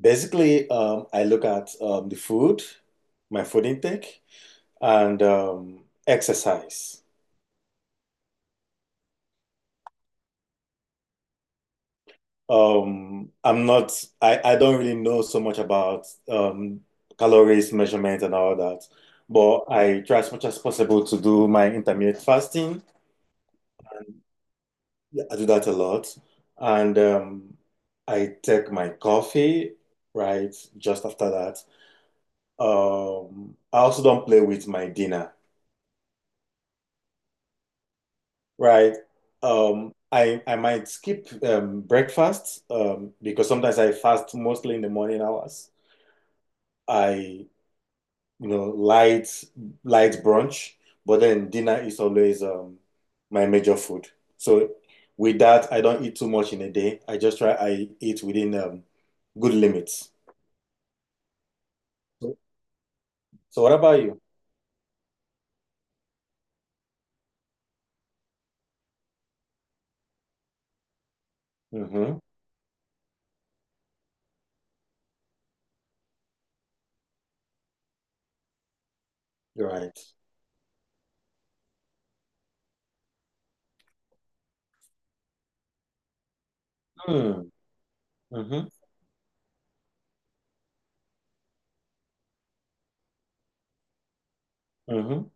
Basically, I look at the food, my food intake, and exercise. I'm not, I don't really know so much about calories, measurement, and all that, but I try as much as possible to do my intermittent fasting. Yeah, I do that a lot. And I take my coffee, right, just after that. I also don't play with my dinner. Right. I might skip breakfast because sometimes I fast mostly in the morning hours. I light light brunch, but then dinner is always my major food. So with that, I don't eat too much in a day. I just try I eat within good limits. So, so, what about you? Mm-hmm. Right. Hmm. Mm-hmm. Mm-hmm.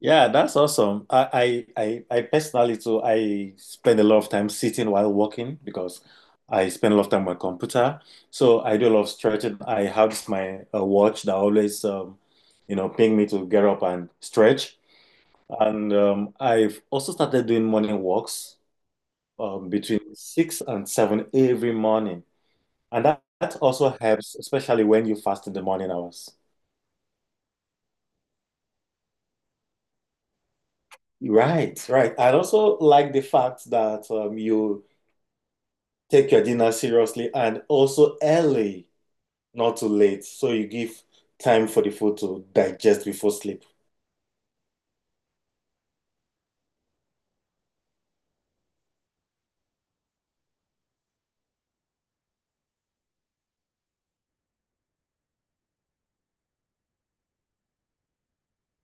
Yeah, that's awesome. I personally too, I spend a lot of time sitting while working because I spend a lot of time on my computer. So I do a lot of stretching. I have this my watch that always, ping me to get up and stretch. And I've also started doing morning walks between six and seven every morning. And that also helps, especially when you fast in the morning hours. Right. I also like the fact that you take your dinner seriously and also early, not too late, so you give time for the food to digest before sleep.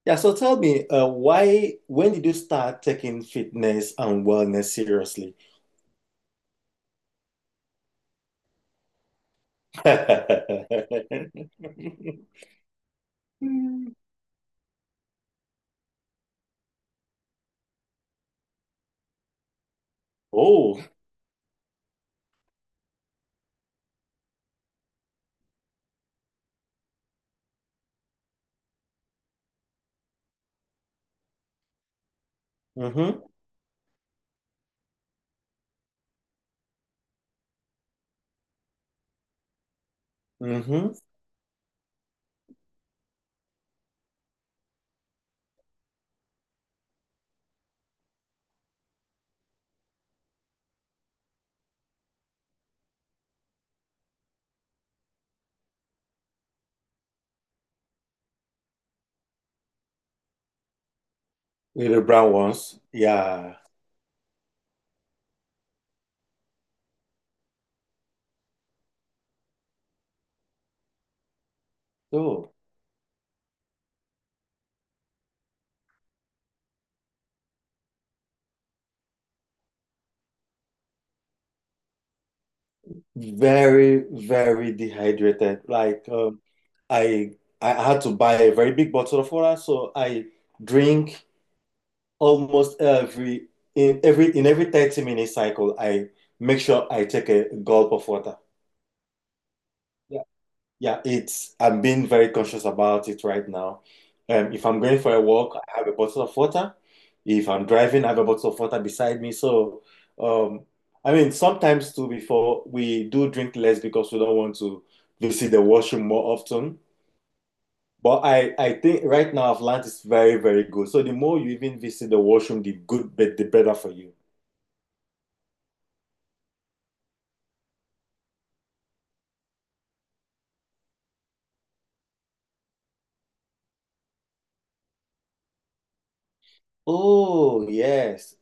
Yeah, so tell me, when did you start taking fitness and wellness seriously? Oh, mm-hmm, mm-hmm. Little brown ones. Yeah. So very, very dehydrated. I I had to buy a very big bottle of water, so I drink almost every in every in every 30-minute cycle, I make sure I take a gulp of water. Yeah. Yeah, it's I'm being very conscious about it right now. If I'm going for a walk, I have a bottle of water. If I'm driving, I have a bottle of water beside me. Um, I mean, sometimes too, before we do drink less because we don't want to visit the washroom more often. But I think right now I've learned it's very, very good. So the more you even visit the washroom, the better for you. Oh, yes.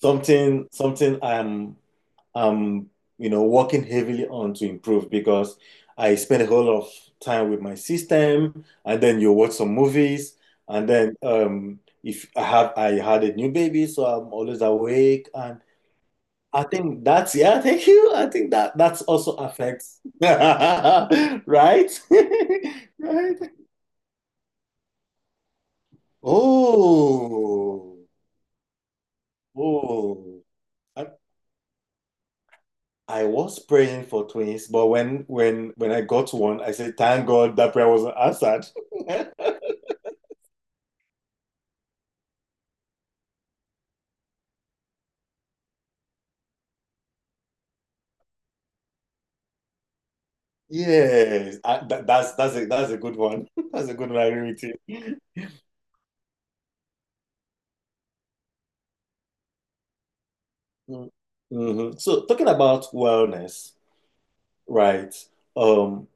Something something I'm you know working heavily on to improve because I spend a whole lot of time with my system and then you watch some movies and then if I have I had a new baby so I'm always awake and I think that's yeah, thank you. I think that that's also affects. Right? Right? Oh. Oh. I was praying for twins, but when I got one, I said, "Thank God that prayer wasn't answered." Yes, I, that, that's a good one. That's a good one. I agree with you. Mm. Mhm. So talking about wellness, right? Um,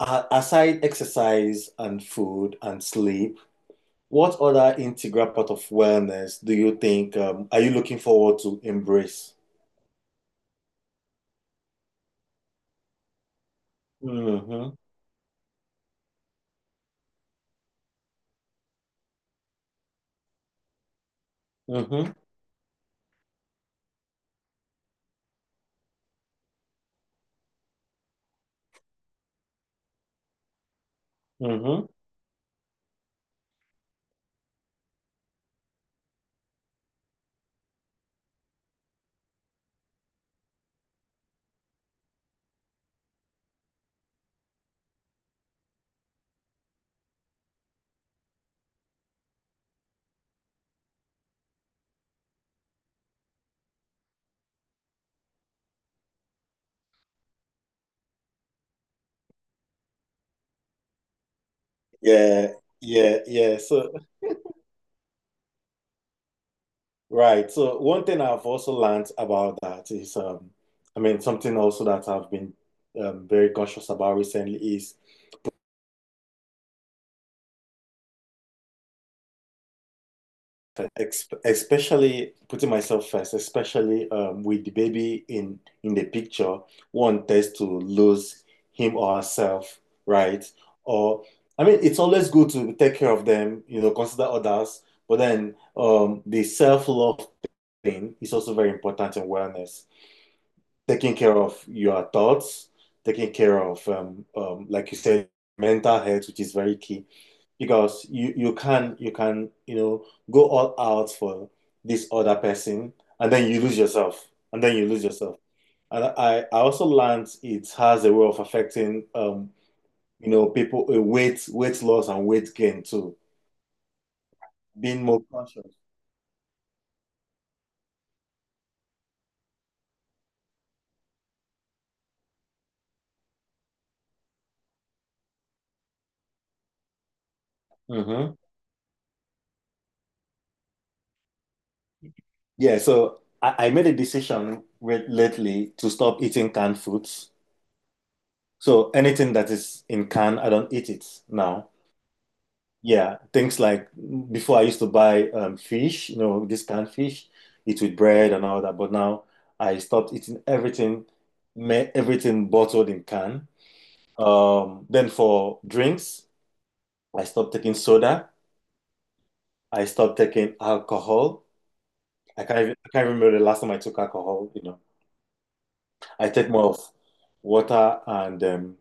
aside exercise and food and sleep, what other integral part of wellness do you think are you looking forward to embrace? Mm-hmm. Mm-hmm. Mm-hmm. Yeah, yeah. So right. So one thing I've also learned about that is, I mean, something also that I've been very conscious about recently is, ex especially putting myself first, especially with the baby in the picture, one tends to lose him or herself, right? Or I mean, it's always good to take care of them, you know, consider others, but then the self-love thing is also very important in wellness. Taking care of your thoughts, taking care of, like you said, mental health, which is very key, because you can you know go all out for this other person, and then you lose yourself, and then you lose yourself. And I also learned it has a way of affecting you know people weight loss and weight gain too, being more conscious. Hmm. Yeah, so I made a decision lately to stop eating canned foods. So anything that is in can, I don't eat it now. Yeah, things like before I used to buy fish, you know, this canned fish, eat with bread and all that. But now I stopped eating everything, everything bottled in can. Then for drinks, I stopped taking soda. I stopped taking alcohol. I can't remember the last time I took alcohol, you know. I take more of water and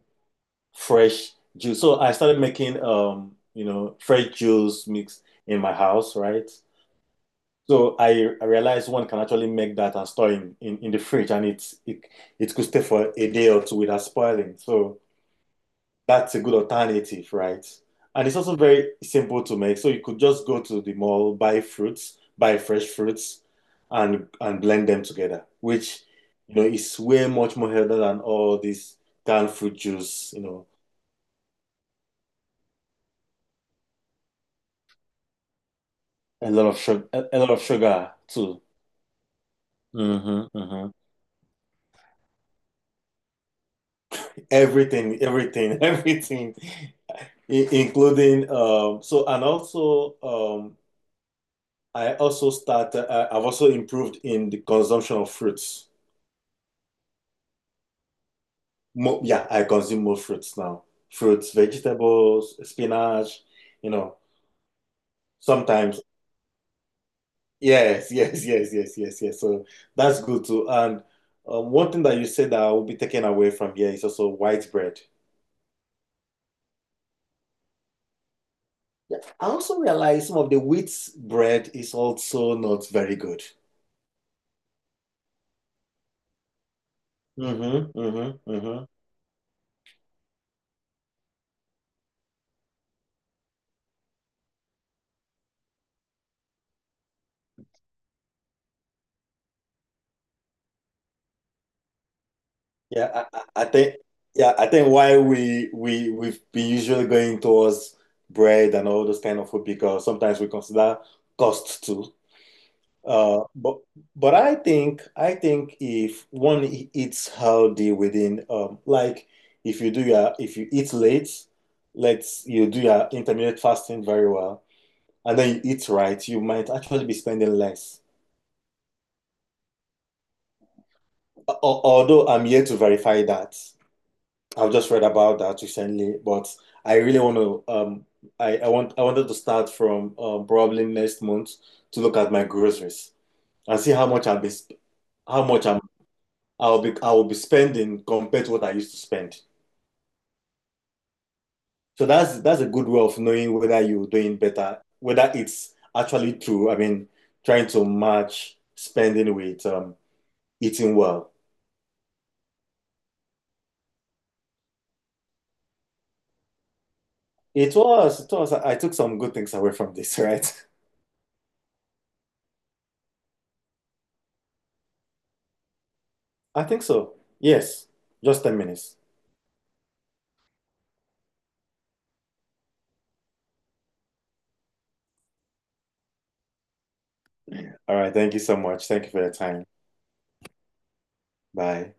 fresh juice. So I started making fresh juice mix in my house, right? So I realized one can actually make that and store in the fridge and it could stay for a day or two without spoiling. So that's a good alternative, right? And it's also very simple to make. So you could just go to the mall, buy fruits, buy fresh fruits and blend them together, which you know is way much more healthy than all this canned fruit juice, you know. A lot of sugar, a lot of sugar too. Hmm hmm. Everything, everything, everything, I- including. So and also I also started. I've also improved in the consumption of fruits. Mo yeah, I consume more fruits now. Fruits, vegetables, spinach. You know, sometimes. Yes, yes, yes, yes, yes, yes. So that's good too. And one thing that you said that I will be taken away from here is also white bread. Yeah. I also realize some of the wheat bread is also not very good. Mm-hmm, mm-hmm, mm-hmm. Yeah, I think yeah, I think why we've been usually going towards bread and all those kind of food because sometimes we consider cost too. But I think if one eats healthy within like if you do your if you eat late, let's you do your intermittent fasting very well, and then you eat right, you might actually be spending less. Although I'm yet to verify that. I've just read about that recently, but I really want to I want I wanted to start from probably next month to look at my groceries and see how much I will be spending compared to what I used to spend. So that's a good way of knowing whether you're doing better, whether it's actually true. I mean, trying to match spending with eating well. It was, it was. I took some good things away from this, right? I think so. Yes, just 10 minutes. All right. Thank you so much. Thank you for your time. Bye.